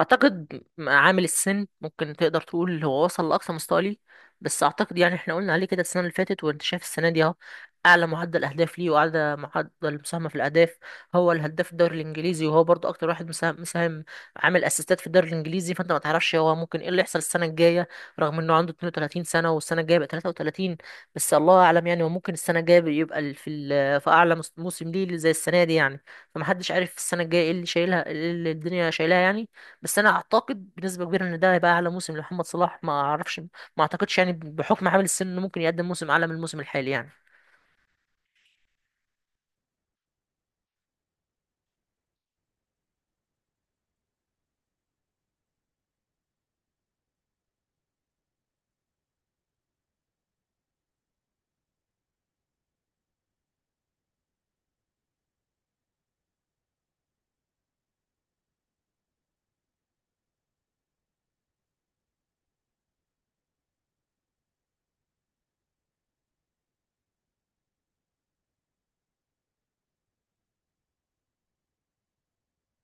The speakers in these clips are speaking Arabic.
اعتقد عامل السن ممكن تقدر تقول هو وصل لاقصى مستوى ليه. بس اعتقد يعني احنا قلنا عليه كده السنه اللي فاتت، وانت شايف السنه دي اهو اعلى معدل اهداف ليه واعلى معدل مساهمه في الاهداف. هو الهداف في الدوري الانجليزي، وهو برضو اكتر واحد مساهم عامل اسيستات في الدوري الانجليزي. فانت ما تعرفش هو ممكن ايه اللي يحصل السنه الجايه، رغم انه عنده 32 سنه والسنه الجايه بقى 33. بس الله اعلم يعني، وممكن السنه الجايه يبقى في اعلى موسم ليه زي السنه دي يعني. فمحدش عارف السنه الجايه ايه اللي شايلها، ايه اللي الدنيا شايلها يعني. بس انا اعتقد بنسبه كبيره ان ده هيبقى اعلى موسم لمحمد صلاح. ما اعرفش، ما اعتقدش يعني بحكم عامل السن انه ممكن يقدم موسم اعلى من الموسم الحالي يعني.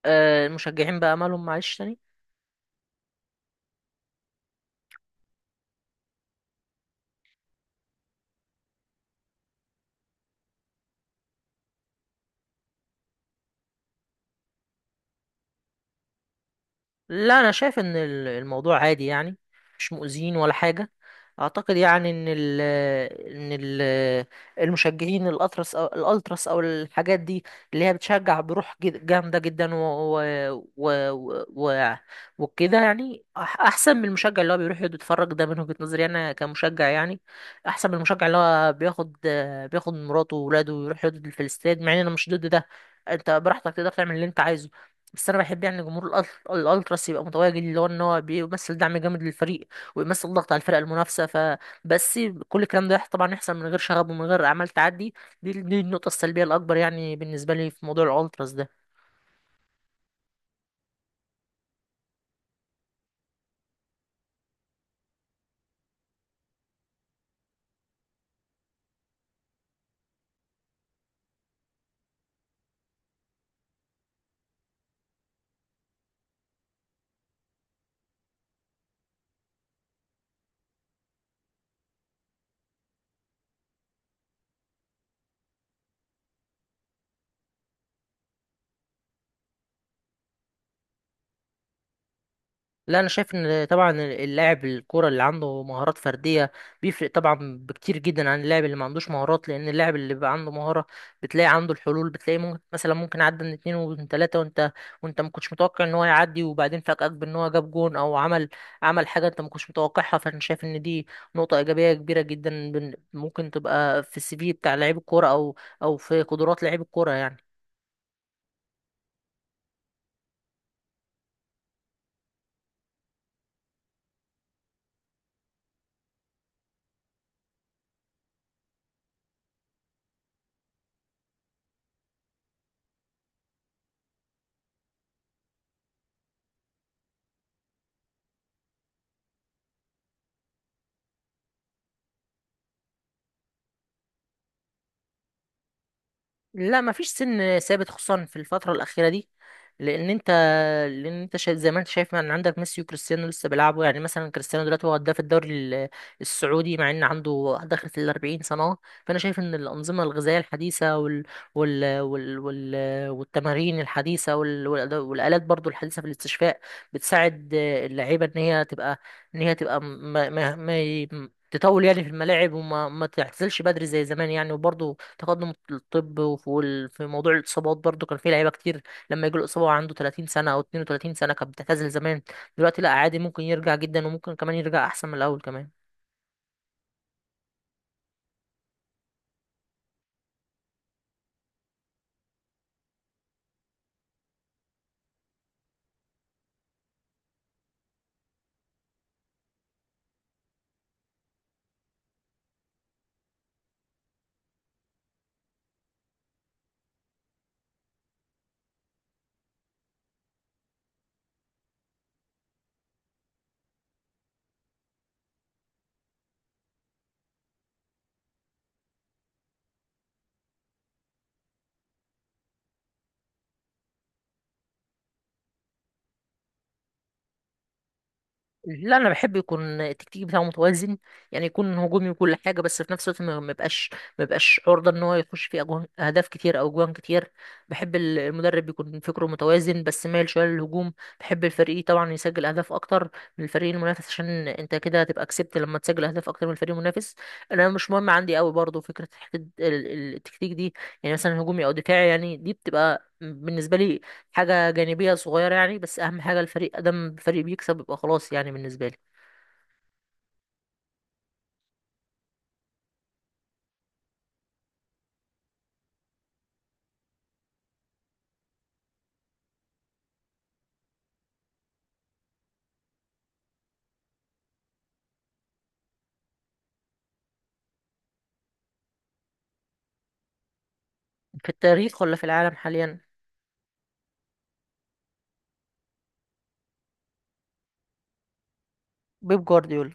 المشجعين بقى مالهم معلش تاني؟ لا، انا شايف ان الموضوع عادي يعني، مش مؤذيين ولا حاجه. اعتقد يعني ان ال ان ال المشجعين الاطرس او الالتراس او الحاجات دي اللي هي بتشجع بروح جامده جدا و وكده يعني احسن من المشجع اللي هو بيروح يقعد يتفرج ده، من وجهه نظري انا كمشجع يعني، احسن من المشجع اللي هو بياخد مراته وولاده ويروح يقعد في الاستاد، مع ان انا مش ضد ده، انت براحتك تقدر تعمل اللي انت عايزه. بس انا بحب يعني جمهور الالتراس يبقى متواجد، اللي هو ان هو بيمثل دعم جامد للفريق ويمثل ضغط على الفرق المنافسه فبس. كل الكلام ده طبعا يحصل من غير شغب ومن غير اعمال تعدي. دي النقطه السلبيه الاكبر يعني بالنسبه لي في موضوع الالتراس ده. لا، انا شايف ان طبعا اللاعب الكوره اللي عنده مهارات فرديه بيفرق طبعا بكتير جدا عن اللاعب اللي ما عندوش مهارات، لان اللاعب اللي بيبقى عنده مهاره بتلاقي عنده الحلول، بتلاقي ممكن مثلا ممكن عدى من اتنين ومن تلاته وانت ما كنتش متوقع ان هو يعدي، وبعدين فاجئك بان هو جاب جون او عمل حاجه انت ما كنتش متوقعها. فانا شايف ان دي نقطه ايجابيه كبيره جدا، ممكن تبقى في السي في بتاع لعيب الكوره، او في قدرات لعيب الكوره يعني. لا، مفيش سن ثابت خصوصا في الفتره الاخيره دي. لان انت لان انت شايف زي ما انت شايف ان عندك ميسي وكريستيانو لسه بيلعبوا، يعني مثلا كريستيانو دلوقتي هو هداف الدوري السعودي، مع ان عنده داخل في ال 40 سنه أهو. فانا شايف ان الانظمه الغذائيه الحديثه والتمارين الحديثه والالات برضو الحديثه في الاستشفاء بتساعد اللعيبه ان هي تبقى ان هي تبقى ما... ما... ما... ي- تطول يعني في الملاعب، وما ما تعتزلش بدري زي زمان يعني. وبرضه تقدم الطب، في موضوع الاصابات برضه كان في لعيبه كتير لما يجي له اصابه وعنده 30 سنه او 32 سنه كانت بتعتزل زمان. دلوقتي لا، عادي ممكن يرجع جدا، وممكن كمان يرجع احسن من الاول كمان. لا، انا بحب يكون التكتيك بتاعه متوازن، يعني يكون هجومي وكل حاجه، بس في نفس الوقت ما ما يبقاش ما يبقاش عرضه ان هو يخش فيه أجوان اهداف كتير او اجوان كتير. بحب المدرب يكون فكره متوازن، بس مايل شويه للهجوم. بحب الفريق طبعا يسجل اهداف اكتر من الفريق المنافس، عشان انت كده هتبقى كسبت لما تسجل اهداف اكتر من الفريق المنافس. انا مش مهم عندي قوي برضه فكره حتة التكتيك دي، يعني مثلا هجومي او دفاعي، يعني دي بتبقى بالنسبه لي حاجة جانبية صغيرة يعني. بس أهم حاجة الفريق أدم فريق بيكسب، يبقى خلاص يعني بالنسبة لي. في التاريخ ولا في العالم حاليا؟ بيب جوارديولا.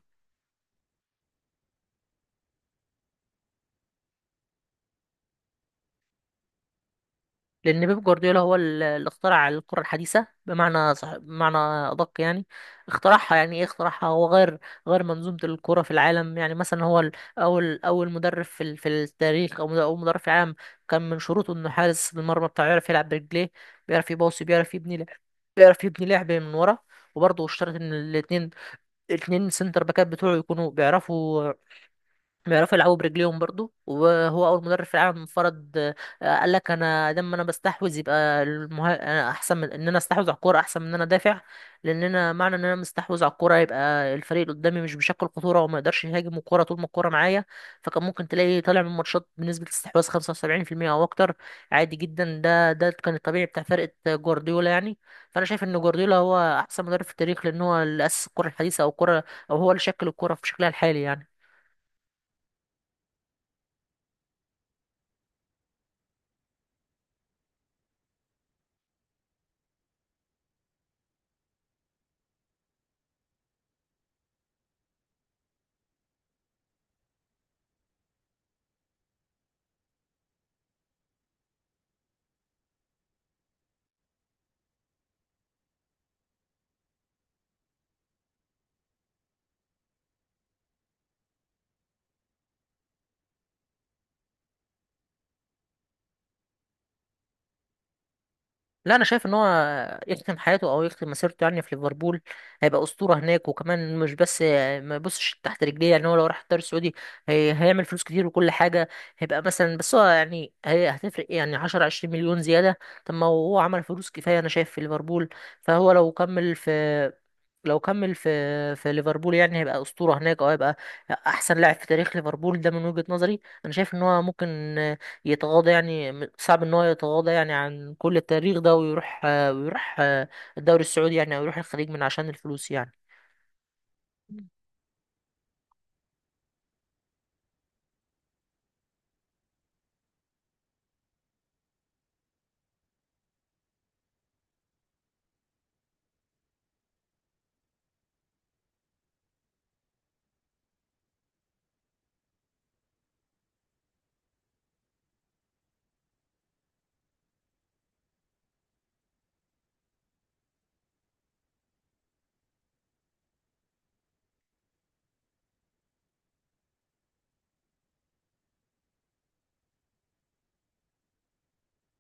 لأن بيب جوارديولا هو اللي اخترع الكرة الحديثة، بمعنى صح، بمعنى أدق يعني. اخترعها يعني إيه؟ اخترعها، هو غير منظومة الكرة في العالم. يعني مثلا هو أول مدرب في في التاريخ، أو أول مدرب في العالم كان من شروطه إنه حارس المرمى بتاعه يعرف يلعب برجليه، بيعرف يباصي، بيعرف يبني لعب من ورا. وبرضه اشترط ان الاتنين سنتر باكات بتوعه يكونوا بيعرفوا يلعبوا برجليهم برضو. وهو اول مدرب في العالم فرض، قال لك انا دام انا بستحوذ يبقى انا احسن من ان انا استحوذ على الكوره احسن من ان انا دافع، لان انا معنى ان انا مستحوذ على الكوره يبقى الفريق اللي قدامي مش بيشكل خطوره وما يقدرش يهاجم الكوره طول ما الكوره معايا. فكان ممكن تلاقي طالع من ماتشات بنسبه استحواذ 75% او اكتر، عادي جدا. ده كان الطبيعي بتاع فرقه جوارديولا يعني. فانا شايف ان جوارديولا هو احسن مدرب في التاريخ، لان هو اللي اسس الكره الحديثه، او الكره، او هو اللي شكل الكره في شكلها الحالي يعني. لا، انا شايف ان هو يختم حياته او يختم مسيرته يعني في ليفربول. هيبقى اسطوره هناك، وكمان مش بس ما يبصش تحت رجليه، يعني هو لو راح الدوري السعودي هي هيعمل فلوس كتير وكل حاجه، هيبقى مثلا، بس هو يعني هي هتفرق إيه يعني؟ 10 20 مليون زياده؟ طب ما هو عمل فلوس كفايه انا شايف في ليفربول. فهو لو كمل في ليفربول يعني هيبقى اسطوره هناك، او هيبقى احسن لاعب في تاريخ ليفربول. ده من وجهه نظري، انا شايف ان هو ممكن يتغاضى يعني، صعب ان هو يتغاضى يعني عن كل التاريخ ده ويروح ويروح الدوري السعودي يعني، او يروح الخليج من عشان الفلوس يعني.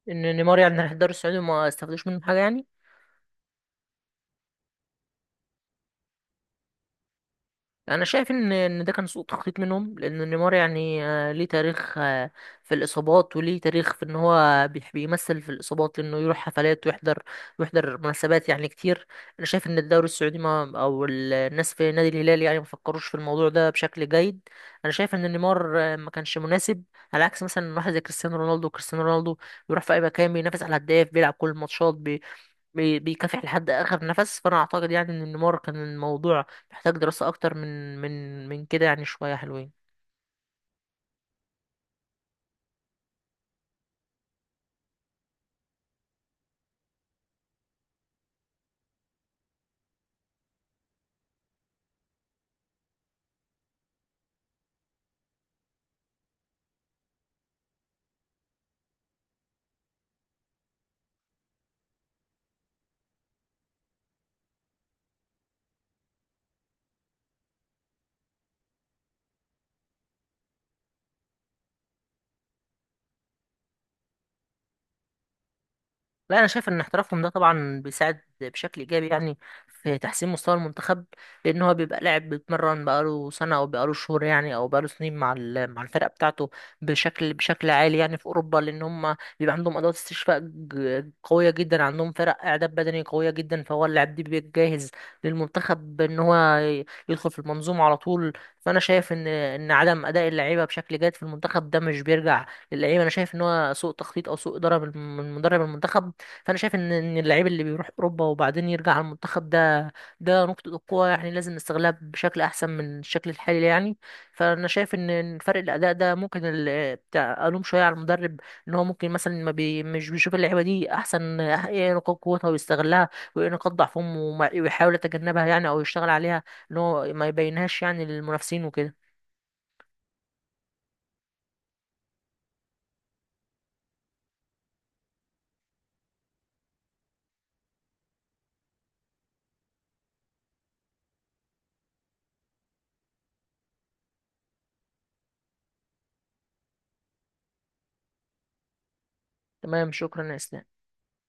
ان نيمار يعني راح الدوري السعودي وما استفادوش منه حاجه يعني. انا شايف ان ده كان سوء تخطيط منهم، لان نيمار يعني ليه تاريخ، في الاصابات، وليه تاريخ في ان هو بيمثل في الاصابات لانه يروح حفلات ويحضر مناسبات يعني كتير. انا شايف ان الدوري السعودي، ما او الناس في نادي الهلال يعني ما فكروش في الموضوع ده بشكل جيد. انا شايف ان نيمار ما كانش مناسب، على عكس مثلا واحد زي كريستيانو رونالدو. كريستيانو رونالدو بيروح في اي مكان، بينافس على الهداف، بيلعب كل الماتشات، بيكافح لحد اخر نفس. فانا اعتقد يعني ان نيمار كان الموضوع محتاج دراسة اكتر من كده يعني، شوية حلوين. لا، انا شايف ان احترافهم ده طبعا بيساعد بشكل ايجابي يعني في تحسين مستوى المنتخب. لان هو بيبقى لاعب بيتمرن بقاله سنه او بقاله شهور يعني، او بقاله سنين مع مع الفرقه بتاعته بشكل عالي يعني في اوروبا، لان هم بيبقى عندهم ادوات استشفاء قويه جدا، عندهم فرق اعداد بدني قويه جدا، فهو اللاعب ده بيبقى جاهز للمنتخب ان هو يدخل في المنظومه على طول. فانا شايف ان عدم اداء اللعيبه بشكل جيد في المنتخب ده مش بيرجع للعيبه. انا شايف ان هو سوء تخطيط او سوء اداره من مدرب المنتخب. فانا شايف ان اللعيب اللي بيروح اوروبا وبعدين يرجع على المنتخب ده، ده نقطه قوه يعني، لازم نستغلها بشكل احسن من الشكل الحالي يعني. فانا شايف ان فرق الاداء ده ممكن بتاع الوم شويه على المدرب، ان هو ممكن مثلا ما بي مش بيشوف اللعيبه دي احسن، ايه نقاط قوتها ويستغلها، وايه نقاط ضعفهم ويحاول يتجنبها يعني، او يشتغل عليها ان هو ما يبينهاش يعني للمنافسين وكده. تمام، شكرا يا اسلام.